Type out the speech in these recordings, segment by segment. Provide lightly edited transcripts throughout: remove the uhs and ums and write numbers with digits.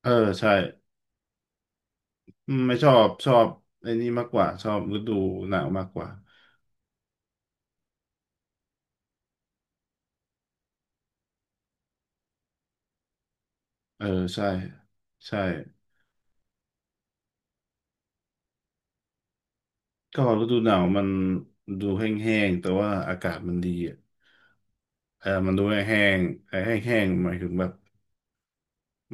เออใช่อืมไม่ชอบชอบไอ้นี่มากกว่าชอบฤดูหนาวมากกว่าเออใช่ใช่ก็ฤดูหนาวมันดูแห้งๆแต่ว่าอากาศมันดีอ่ะเออมันดูแห้งๆไอ้แห้งๆหมายถึงแบบ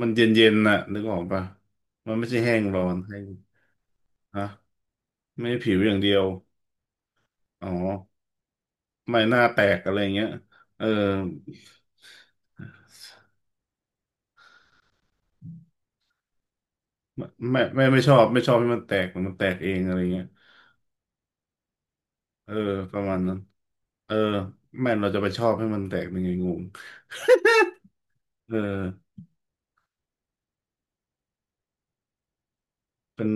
มันเย็นๆน่ะนึกออกปะมันไม่ใช่แห้งร้อนแห้งฮะไม่ใช่ผิวอย่างเดียวอ๋อไม่หน้าแตกอะไรเงี้ยเออไม่ชอบไม่ชอบให้มันแตกมันแตกเองอะไรเงี้ยเออประมาณนั้น เออแม่เราจะไปชอบให้มันแตกเป็นไงงงเออเป็น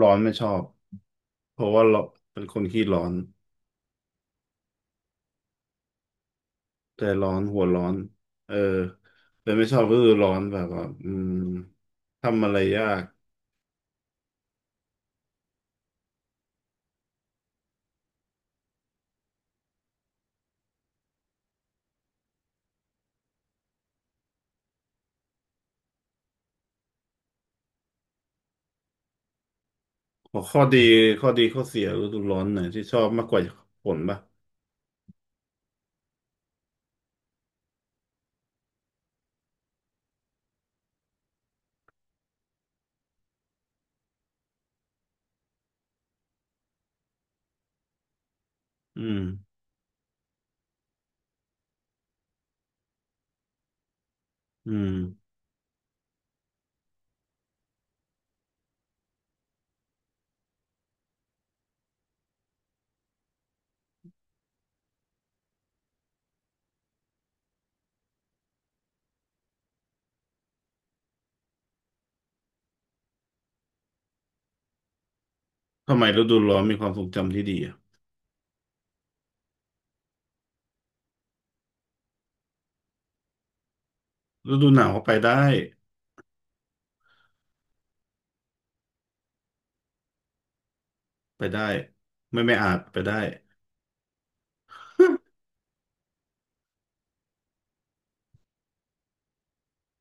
ร้อนไม่ชอบเพราะว่าเราเป็นคนขี้ร้อนแต่ร้อนหัวร้อนเออแต่ไม่ชอบก็คือร้อนแบบว่าทำอะไรยากขอข้อดีข้อดีข้อเสียฤดูร้อนไหนที่ชอบมากกว่าฝนป่ะอืมอืมทำไมฤดูร้อนมีความทรงจำที่ดีอะฤดูหนาวก็ไปได้ไปได้ไม่อาจไปได้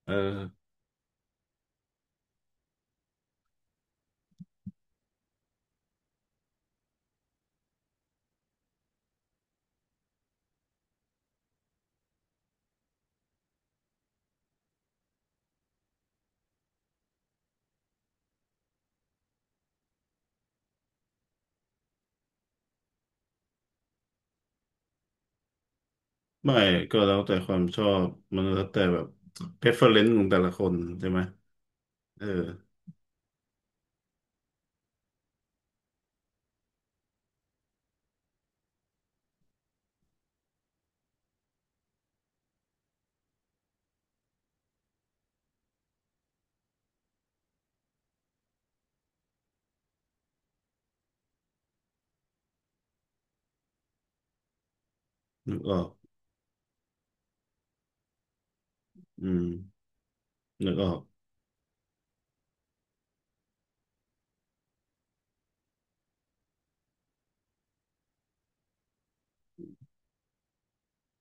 เออ ไม่ก็แล้วแต่ความชอบมันแล้วแต่แบบ preference ของแต่ละคนใช่ไหมเออนึกออกอืมนึกออก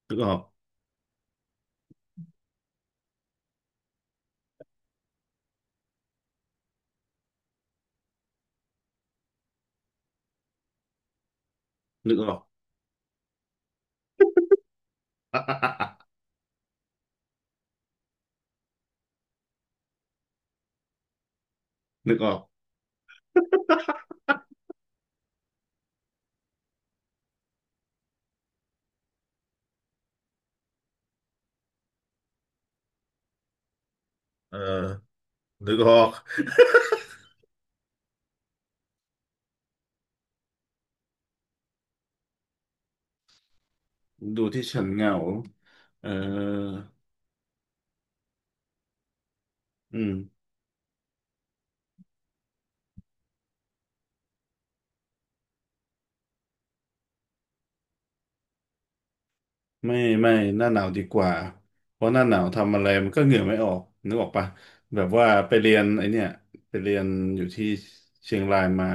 นึกออกนึกออก นึกออกเออนึกออก ดูที่ฉันเหงาเอออืม ไม่ไม่หน้าหนาวดีกว่า เพราะหน้าหนาวทำอะไรมันก็เหงื่อไม่ออกนึกออกปะแบบว่าไปเรียนไอเนี่ยไปเรียนอยู่ที่เชียงรายมา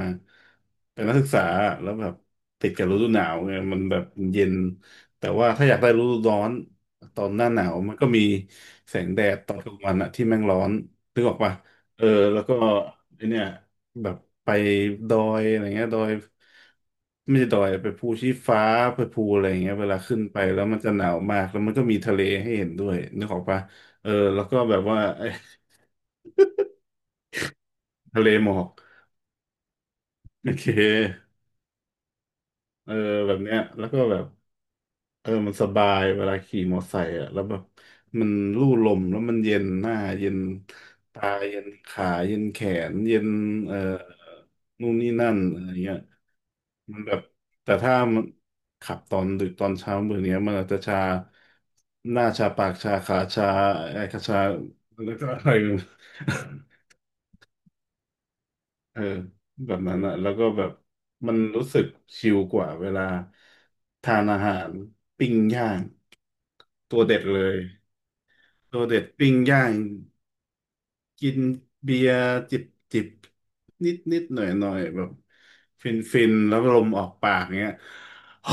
เป็นนักศึกษาแล้วแบบติดกับฤดูหนาวไงมันแบบเย็นแต่ว่าถ้าอยากได้ฤดูร้อนตอนหน้าหนาวมันก็มีแสงแดดตอนกลางวันอะที่แม่งร้อนนึกออกปะเออแล้วก็ไอเนี่ย แบบไปดอยอะไรเงี้ยดอยไม่ใช่ดอยไปภูชี้ฟ้าไปภูอะไรอย่างเงี้ยเวลาขึ้นไปแล้วมันจะหนาวมากแล้วมันก็มีทะเลให้เห็นด้วยนึกออกปะเออแล้วก็แบบว่า เอ้ยทะเลหมอกโอเคเออแบบเนี้ยแล้วก็แบบเออมันสบายเวลาขี่มอไซค์อ่ะแล้วแบบมันลู่ลมแล้วมันเย็นหน้าเย็นตาเย็นขาเย็นแขนเย็นเอ่อนู่นนี่นั่นอะไรเงี้ย มันแบบแต่ถ้ามันขับตอนดึกตอนเช้ามือเนี้ยมันอาจจะชาหน้าชาปากชาขาชาไอ้ขาชาแล้วก็อะไรอยู่ เออแบบนั้นอะแล้วก็แบบมันรู้สึกชิลกว่าเวลาทานอาหารปิ้งย่างตัวเด็ดเลยตัวเด็ดปิ้งย่าง กินเบียร์จิบจิบนิดนิดหน่อยหน่อยแบบฟินฟินแล้วลมออกปากเงี้ยโอ้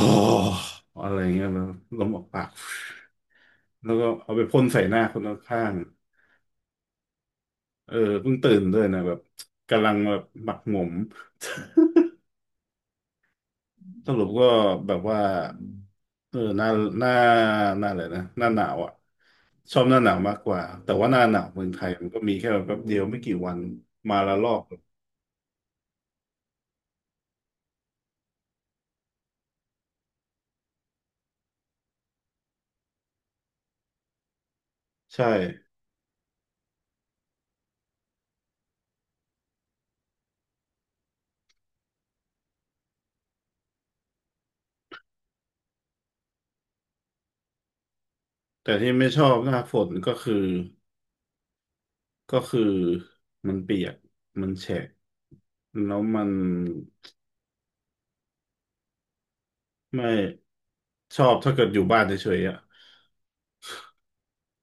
อะไรเงี้ยแล้วลมออกปากแล้วก็เอาไปพ่นใส่หน้าคนข้างๆเออเพิ่งตื่นด้วยนะแบบกำลังแบบหมักหมม สรุปก็แบบว่าเออหน้าหน้าหน้าอะไรนะหน้าหนาวอ่ะชอบหน้าหนาวมากกว่าแต่ว่าหน้าหนาวเมืองไทยมันก็มีแค่แบบแป๊บเดียวไม่กี่วันมาละลอกใช่ แต่ที่ไม่ชอบหน้าฝนก็คือก็คือมันเปียกมันแฉะแล้วมันไม่ชอบถ้าเกิดอยู่บ้านเฉยๆอ่ะ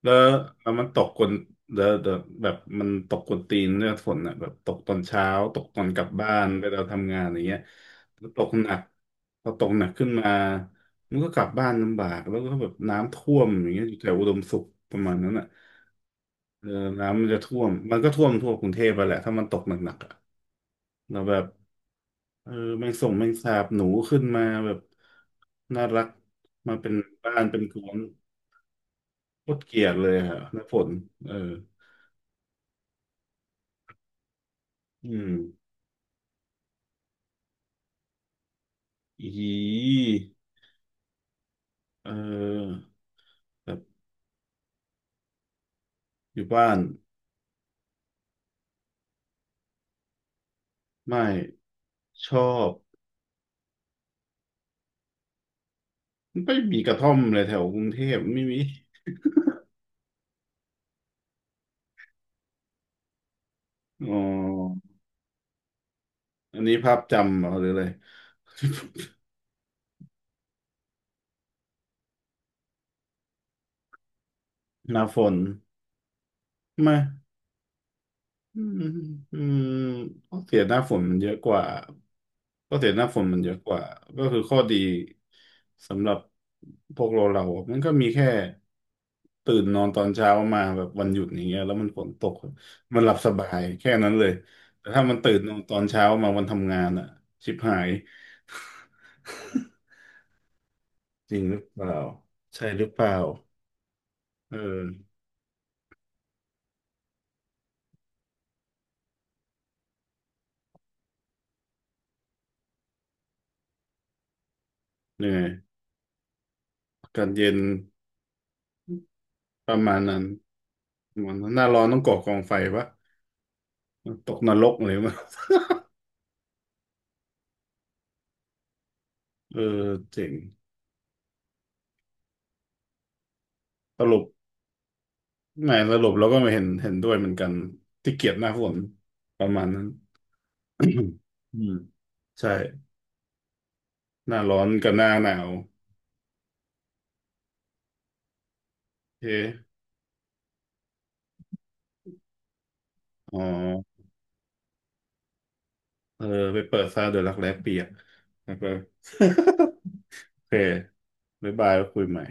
แล้วแล้วมันตกกวนแล้วแบบมันตกกวนตีนเนี่ยฝนอ่ะแบบตกตอนเช้าตกตอนกลับบ้านไปเราทำงานอย่างเงี้ยแล้วตกหนักพอตกหนักขึ้นมามันก็กลับบ้านลำบากแล้วก็แบบน้ำท่วมอย่างเงี้ยอยู่แถวอุดมสุขประมาณนั้นอ่ะเออน้ำมันจะท่วมมันก็ท่วมทั่วกรุงเทพไปแหละถ้ามันตกหนักๆอะ แล้วแบบเออแมงส่งแมงสาบหนูขึ้นมาแบบน่ารักมาเป็นบ้านเป็นกวนโคตรเกลียดเลยฮะน้ำฝนเอออืมอีเออแบบอยู่บ้านไม่ชอบไม่มีกระท่อมเลยแถวกรุงเทพไม่มีอ๋ออันนี้ภาพจำเหรอหรืออะไร หน้าฝนไม่ อืมอืมข้อเสียหน้าฝนมันเยอะกว่าข้อเสียหน้าฝนมันเยอะกว่าก็คือข้อดีสำหรับพวกเราเราอะมันก็มีแค่ตื่นนอนตอนเช้ามาแบบวันหยุดอย่างเงี้ยแล้วมันฝนตกมันหลับสบายแค่นั้นเลยแต่ถ้ามันตื่นนอนตอนเช้ามาวันทำงานอ่ะชิบหาย จริงหรือเปล่าใช่หรือเปล่าเออเหนื่อยอากาศเย็นประมาณนั้นประมันหน้าร้อนต้องก่อกองไฟปะตกนรกเลยมั้ง เออเจ๋งสรุปไหนสรุปเราก็ไม่เห็นเห็นด้วยเหมือนกันที่เกียดหน้าฝนประมาณนั้น อืมใช่หน้าร้อนกับหน้าหนาวโอเคอ๋อเออไปเปิดซาเดอะรักแร้เปียกแล้วก็ โอเคบ๊ายบายแล้วคุยใหม่